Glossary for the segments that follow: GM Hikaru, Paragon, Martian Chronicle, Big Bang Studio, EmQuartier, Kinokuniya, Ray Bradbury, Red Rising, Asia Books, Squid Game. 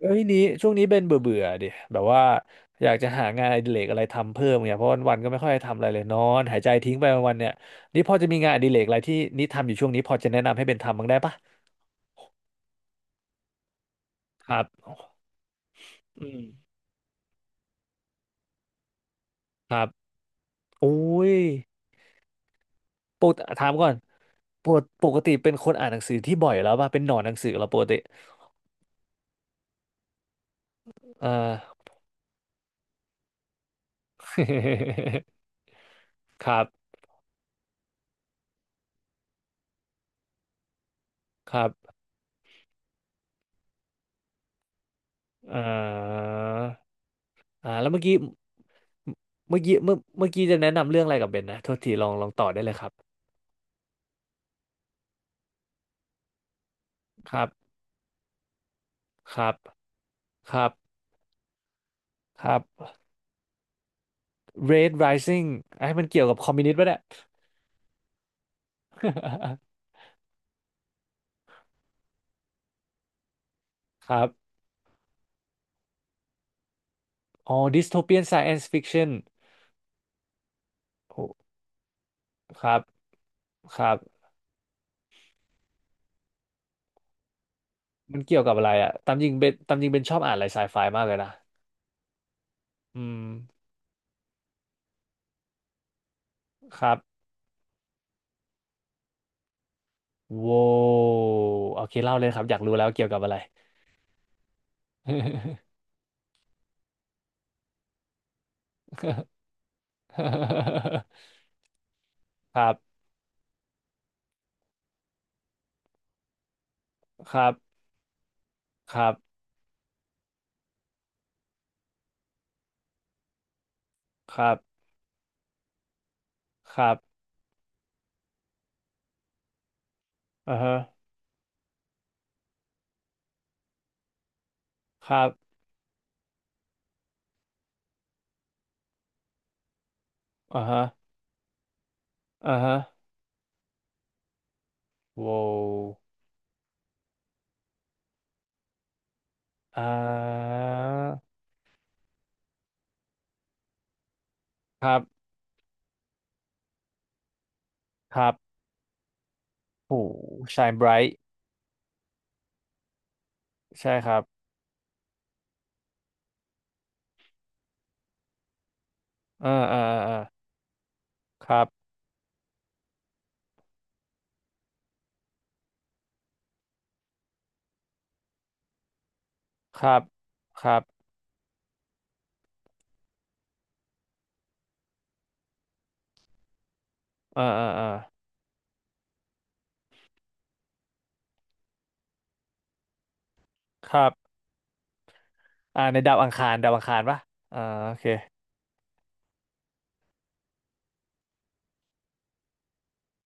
เอ้ยนี้ช่วงนี้เบนเบื่อเบื่อดิแบบว่าอยากจะหางานอดิเรกอะไรทำเพิ่มเนี่ยเพราะวันๆก็ไม่ค่อยได้ทำอะไรเลยนอนหายใจทิ้งไปวันๆเนี่ยนี่พอจะมีงานอดิเรกอะไรที่นี่ทำอยู่ช่วงนี้พอจะแนะนำให้เบนทำบ้างได้ปะครับอืมครับโอ้ยปกติถามก่อนปกติเป็นคนอ่านหนังสือที่บ่อยแล้วป่ะเป็นหนอนหนังสือแล้วปกติอ่า ครับครับอ่าอ่าแล้วเมื่อกี้เมื่อกี้จะแนะนำเรื่องอะไรกับเบนนะโทษทีลองต่อได้เลยครับครับ ครับครับครับ Red Rising ไอ้มันเกี่ยวกับคอมมิวนิสต์ป่ะเนี่ย ครับอ๋อ Dystopian Science Fiction โอ้ครับครับมันเกี่ยวกับอะไรอะตามจริงเบนตามจริงเบนชอบอ่านอะไรไซไฟมากเลยนะอืมครับโว้โอเคเล่าเลยครับอยากรู้แล้วเกี่ยวกับอะไร ครับครับครับครับครับอ่าฮะครับอ่าฮะอ่าฮะโว้อ่า ครับครับโอ้ชายไบรท์ใช่ครับเอ่าอ่าอ่าครับครับครับเอ่าอ่าอ่าครับอ่าในดาวอังคารดาวอังคารปะอ่าโอเค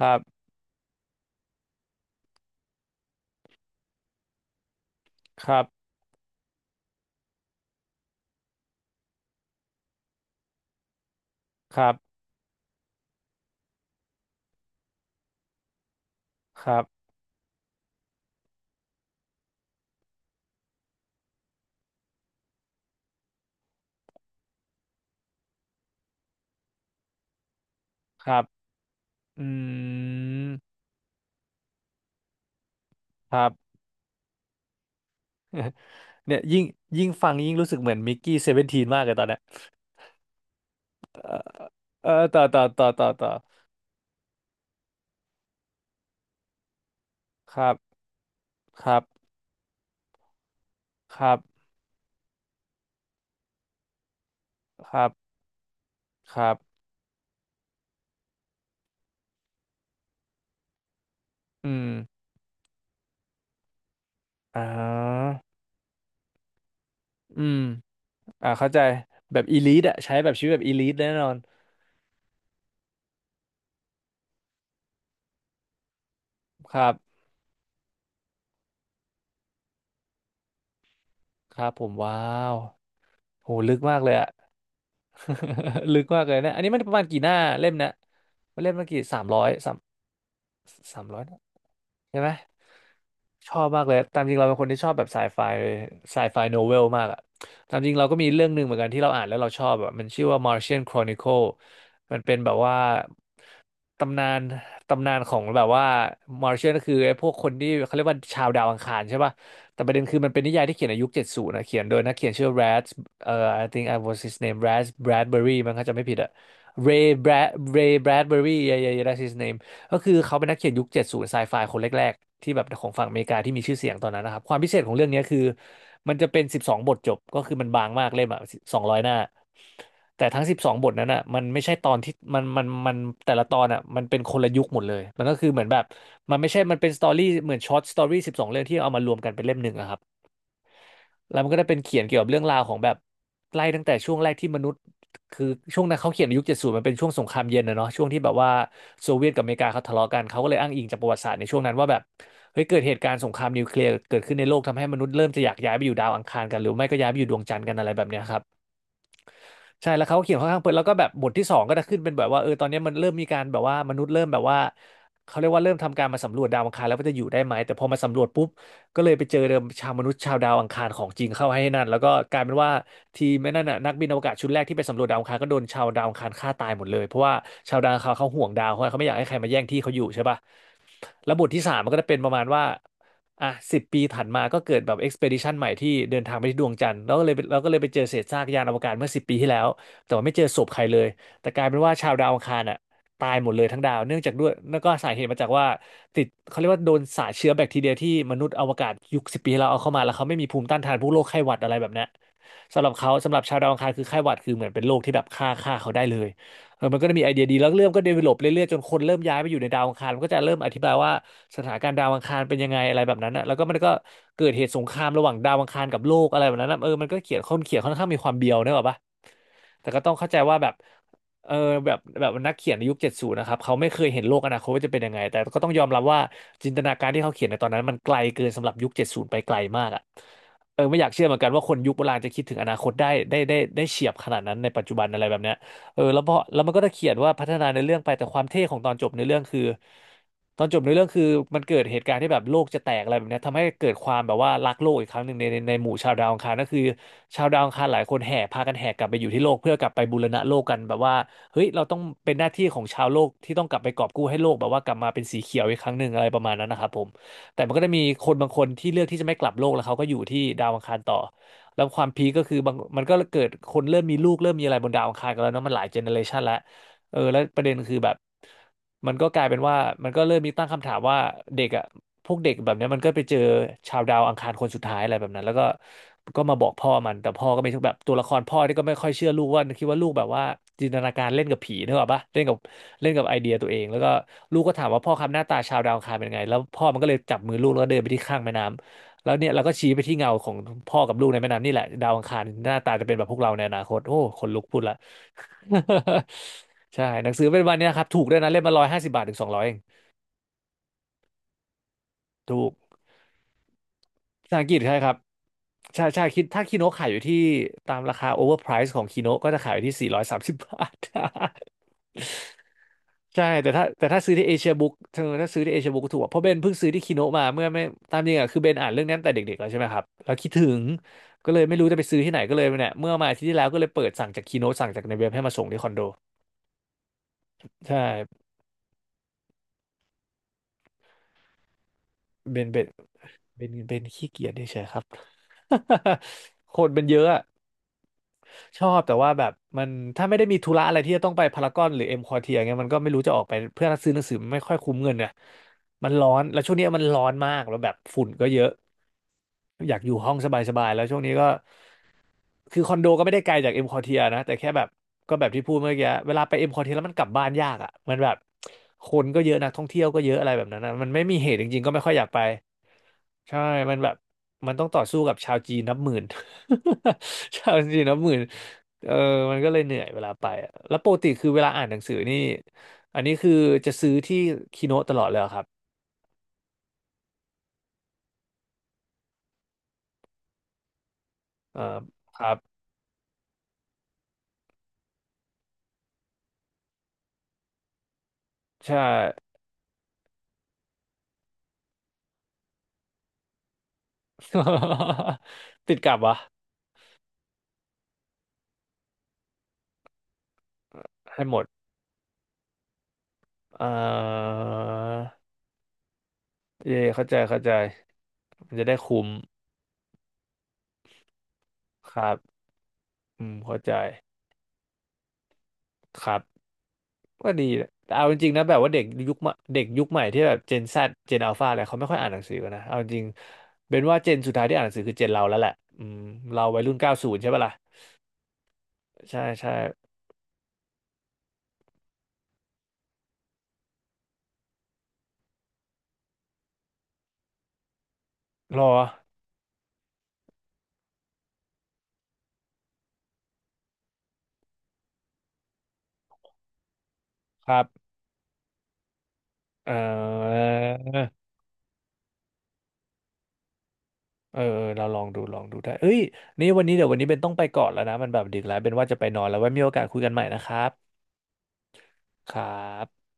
ครับครับครับครับครับอืมครับ เนี่ยยิ่งยิ่งฟังยิ่งรู้สึกเหมือนมิกกี้เซเวนทีนมากเลยตอนเนี้ยเออต่อต่อต่อต่อต่อครับครับครับครับครับอืมอ่าอืม อ่าเข้าใจแบบอีลิทอะใช้แบบชีวิตแบบอีลิทแน่นอนครับครับผมว้าวโหลึกมากเลยอะ ลึกมากเลยเนะอันนี้มันประมาณกี่หน้าเล่มนะเล่มมันกี่สามร้อยสามสามร้อย ใช่ไหมชอบมากเลยตามจริงเราเป็นคนที่ชอบแบบไซไฟไซไฟโนเวลมากอะตามจริงเราก็มีเรื่องหนึ่งเหมือนกันที่เราอ่านแล้วเราชอบอะมันชื่อว่า Martian Chronicle มันเป็นแบบว่าตำนานตำนานของแบบว่า Martian ก็คือไอ้พวกคนที่เขาเรียกว่าชาวดาวอังคารใช่ป่ะแต่ประเด็นคือมันเป็นนิยายที่เขียนในยุค70นะเขียนโดยนักเขียนชื่อ Brad เอ่อ I think I was his name Brad Bradbury มั้งถ้าจำไม่ผิดอะ Ray Brad Ray Bradbury yeah yeah yeah that's his name ก็คือเขาเป็นนักเขียนยุค70ไซไฟคนแรกๆที่แบบของฝั่งอเมริกาที่มีชื่อเสียงตอนนั้นนะครับความพิเศษของเรื่องนี้คือมันจะเป็นสิบสองบทจบก็คือมันบางมากเล่มอ่ะ200 หน้าแต่ทั้งสิบสองบทนั้นอ่ะมันไม่ใช่ตอนที่มันแต่ละตอนอ่ะมันเป็นคนละยุคหมดเลยมันก็คือเหมือนแบบมันไม่ใช่มันเป็นสตอรี่เหมือนช็อตสตอรี่12 เรื่องที่เอามารวมกันเป็นเล่มหนึ่งอะครับ แล้วมันก็ได้เป็นเขียนเกี่ยวกับเรื่องราวของแบบไล่ตั้งแต่ช่วงแรกที่มนุษย์คือช่วงนั้นเขาเขียนในยุค70มันเป็นช่วงสงครามเย็นนะเนาะช่วงที่แบบว่าโซเวียตกับอเมริกาเขาทะเลาะกันเขาก็เลยอ้างอิงจากประวัติศาสตร์ในช่วงนั้นว่าแบบเฮ้ยเกิดเหตุการณ์สงครามนิวเคลียร์เกิดขึ้นในโลกทำให้มนุษย์เริ่มจะอยากย้ายไปอยู่ดาวอังคารกันหรือไม่ก็ย้ายไปอยู่ดวงจันทร์กันอะไรแบบเนี้ยครับใช่แล้วเขาก็เขียนค่อนข้างเปิดแล้วก็แบบบทที่สองก็จะขึ้นเป็นแบบว่าเออตอนนี้มันเริ่มมีการแบบว่ามนุษย์เริ่มแบบว่าเขาเรียกว่าเริ่มทำการมาสำรวจดาวอังคารแล้วว่าจะอยู่ได้ไหมแต่พอมาสำรวจปุ๊บ ก็เลยไปเจอเดิมชาวมนุษย์ชาวดาวอังคารของจริงเข้าให้นั่นแล้วก็กลายเป็นว่าทีมนั่นน่ะนักบินอวกาศชุดแรกที่ไปสำรวจดาวอังคารก็โดนชาวดาวอังคารฆ่าตายหมดเลยเพราะว่าชาวดาวอังคารเขาห่วงดาวเขาไม่อยากให้ใครมาแย่งที่เขาอยู่ใช่ป่ะแล้วบทที่สามมันก็จะเป็นประมาณว่าอ่ะ10 ปีถัดมาก็เกิดแบบเอ็กซเพดิชันใหม่ที่เดินทางไปที่ดวงจันทร์แล้วก็เลยแล้วก็เลยไปเจอเศษซากยานอวกาศเมื่อ10 ปีที่แล้วแต่ว่าไม่เจอศพใครเลยแต่กลายเป็นว่าชาวดาวอังคารอ่ะ ตายหมดเลยทั้งดาวเนื่องจากด้วยแล้วก็สาเหตุมาจากว่าติดเขาเรียกว่าโดนสารเชื้อแบคทีเรียที่มนุษย์อวกาศยุคสิบปีที่แล้วเอาเข้ามาแล้วเขาไม่มีภูมิต้านทานพวกโรคไข้หวัดอะไรแบบเนี้ยสำหรับเขาสำหรับชาวดาวอังคารคือไข้หวัดคือเหมือนเป็นโรคที่แบบฆ่าเขาได้เลยเออมันก็จะมีไอเดียดีแล้วเรื่องก็เดเวลลอปเรื่อยๆจนคนเริ่มย้ายไปอยู่ในดาวอังคารมันก็จะเริ่มอธิบายว่าสถานการณ์ดาวอังคารเป็นยังไงอะไรแบบนั้นนะแล้วก็มันก็เกิดเหตุสงครามระหว่างดาวอังคารกับโลกอะไรแบบนั้นนะเออมันก็เขียนค่อนเขียนค่อนข้างมีความเบียวเนกอะปะ แต่ก็ต้องเข้าใจว่าแบบเออแบบนักเขียนในยุคเจ็ดศูนย์นะครับเขาไม่เคยเห็นโลกอนาคตว่าจะเป็นยังไงแต่ก็ต้องยอมรับว่าจินตนาการที่เขาเขียนในตอนนั้นมันไกลเกินสำหรับยุคเจ็ดศูนย์ไปไกลมากอ่ะเออไม่อยากเชื่อเหมือนกันว่าคนยุคโบราณจะคิดถึงอนาคตได้เฉียบขนาดนั้นในปัจจุบันอะไรแบบเนี้ย เออแล้วมันก็จะเขียนว่าพัฒนาในอเรื่องไปแต่ความเท่ของตอนจบในอเรื่องคือตอนจบในอเรื่องคือมันเกิดเหตุการณ์ที่แบบโลกจะแตกอะไรแบบเนี้ยทำให้เกิดความแบบว่ารักโลกอีกครั้งหนึ่งในหมู่ชาวดาวอังคารก็คือชาวดาวอังคารหลายคนแห่พากันแห่กลับไปอยู่ที่โลกเพื่อกลับไปบูรณะโลกกันแบบว่าเฮ้ยเราต้องเป็นหน้าที่ของชาวโลกที่ต้องกลับไปกอบกู้ให้โลกแบบว่ากลับมาเป็นสีเขียวอีกครั้งหนึ่งอะไรประมาณนั้นนะครับผมแต่มันก็จะมีคนบางคนที่เลือกที่จะไม่กลับโลกแล้วเขาก็อยู่ที่ดาวอังคารต่อ แล้วความพีคก็คือบางมันก็เกิดคนเริ่มมีลูกเริ่มมีอะไรบนดาวอังคารกันแล้วเนาะมันหลายเจเนอเรชันแล้วเออแล้วประเด็นคือแบบมันก็กลายเป็นว่ามันก็เริ่มมีตั้งคำถามว่าเด็กอ่ะพวกเด็กแบบเนี้ยมันก็ไปเจอชาวดาวอังคารคนสุดท้ายอะไรแบบนั้นแล้วก็ก็มาบอกพ่อมันแต่พ่อก็ไม่ใช่แบบตัวละครพ่อที่ก็ไม่ค่อยเชื่อลูกว่าคิดว่าลูกแบบว่าจินตนาการเล่นกับผีนึกออกปะเล่นกับเล่นกับไอเดียตัวเองแล้วก็ลูกก็ถามว่าพ่อครับหน้าตาชาวดาวอังคารเป็นไงแล้วพ่อมันก็เลยจับมือลูกแล้วเดินไปที่ข้างแม่น้ำ แล้วเนี่ยเราก็ชี้ไปที่เงาของพ่อกับลูกในแม่น้ำนี่แหละดาวอังคารหน้าตาจะเป็นแบบพวกเราในอนาคตโอ้คนลุกพูดละ ใช่หนังสือเป็นวันเนี้นะครับถูกด้วยนะเล่มละ150 บาทถึง200เองถูกภาษาอังกฤษใช่ครับใช่ใช่คิดถ้าคีโนขายอยู่ที่ตามราคาโอเวอร์ไพรส์ของคีโนก็จะขายอยู่ที่430 บาท ใช่แต่ถ้าซื้อที่เอเชียบุ๊กเธอถ้าซื้อที่เอเชียบุ๊กถูกกว่าเพราะเบนเพิ่งซื้อที่คิโนะมาเมื่อไม่ตามจริงอ่ะคือเบนอ่านเรื่องนี้ตั้งแต่เด็กๆแล้วใช่ไหมครับแล้วคิดถึงก็เลยไม่รู้จะไปซื้อที่ไหนก็เลยเนี่ยเมื่อมาอาทิตย์ที่แล้วก็เลยเปิดสั่งจากคิโนะสั่งจากในเว็บให้มาส่งที่คอนโดใช่เบนเบนขี้เกียจเฉยๆครับ คนมันเยอะอะ ชอบแต่ว่าแบบมันถ้าไม่ได้มีธุระอะไรที่จะต้องไปพารากอนหรือเอ็มควอเทียเงี้ยมันก็ไม่รู้จะออกไปเพื่อซื้อหนังสือมันไม่ค่อยคุ้มเงินเนี่ยมันร้อนแล้วช่วงนี้มันร้อนมากแล้วแบบฝุ่นก็เยอะอยากอยู่ห้องสบายๆแล้วช่วงนี้ก็ คือคอนโดก็ไม่ได้ไกลจากเอ็มคอเทียนะแต่แค่แบบก็แบบที่พูดเมื่อกี้เวลาไปเอ็มคอเทียแล้วมันกลับบ้านยากอ่ะมันแบบคนก็เยอะนักท่องเที่ยวก็เยอะอะไรแบบนั้นนะมันไม่มีเหตุจริงๆก็ไม่ค่อยอยากไปใช่มันแบบมันต้องต่อสู้กับชาวจีนนับหมื่น ชาวจีนนับหมื่นเออมันก็เลยเหนื่อยเวลาไปอะแล้วปกติคือเวลาอ่านหนังสือนี่อันนี้คือจะซื้อที่คีโนตลอดเลยเหรอครับเออครับใช่ ติดกลับวะให้หมดเอ่อ เย่เข้าใจเข้าใจมันจะได้คุ้มครับอืมเข้าใจครับก็ดีแหละแต่เอาจริงๆนะแบบว่าเด็กยุคใหม่เด็กยุคใหม่ที่แบบเจน Z เจนอัลฟาอะไรเขาไม่ค่อยอ่านหนังสือกันนะเอาจริงเป็นว่าเจนสุดท้ายที่อ่านหนังสือคือเจนเราแล้วแหละอืมเราวัยรุ่น90ใช่ปะล่ะใช่ใช่รอครับเออเออเออเราลองดูลองดูได้เอ้ยนี่วันนี้เดี๋ยววันนี้เป็นต้องไปก่อนแล้วนะมันแบบดึกแล้วเป็นว่าจะไปนอนแล้วไว้มีโอกาสคุยกันใหม่นะครับครับ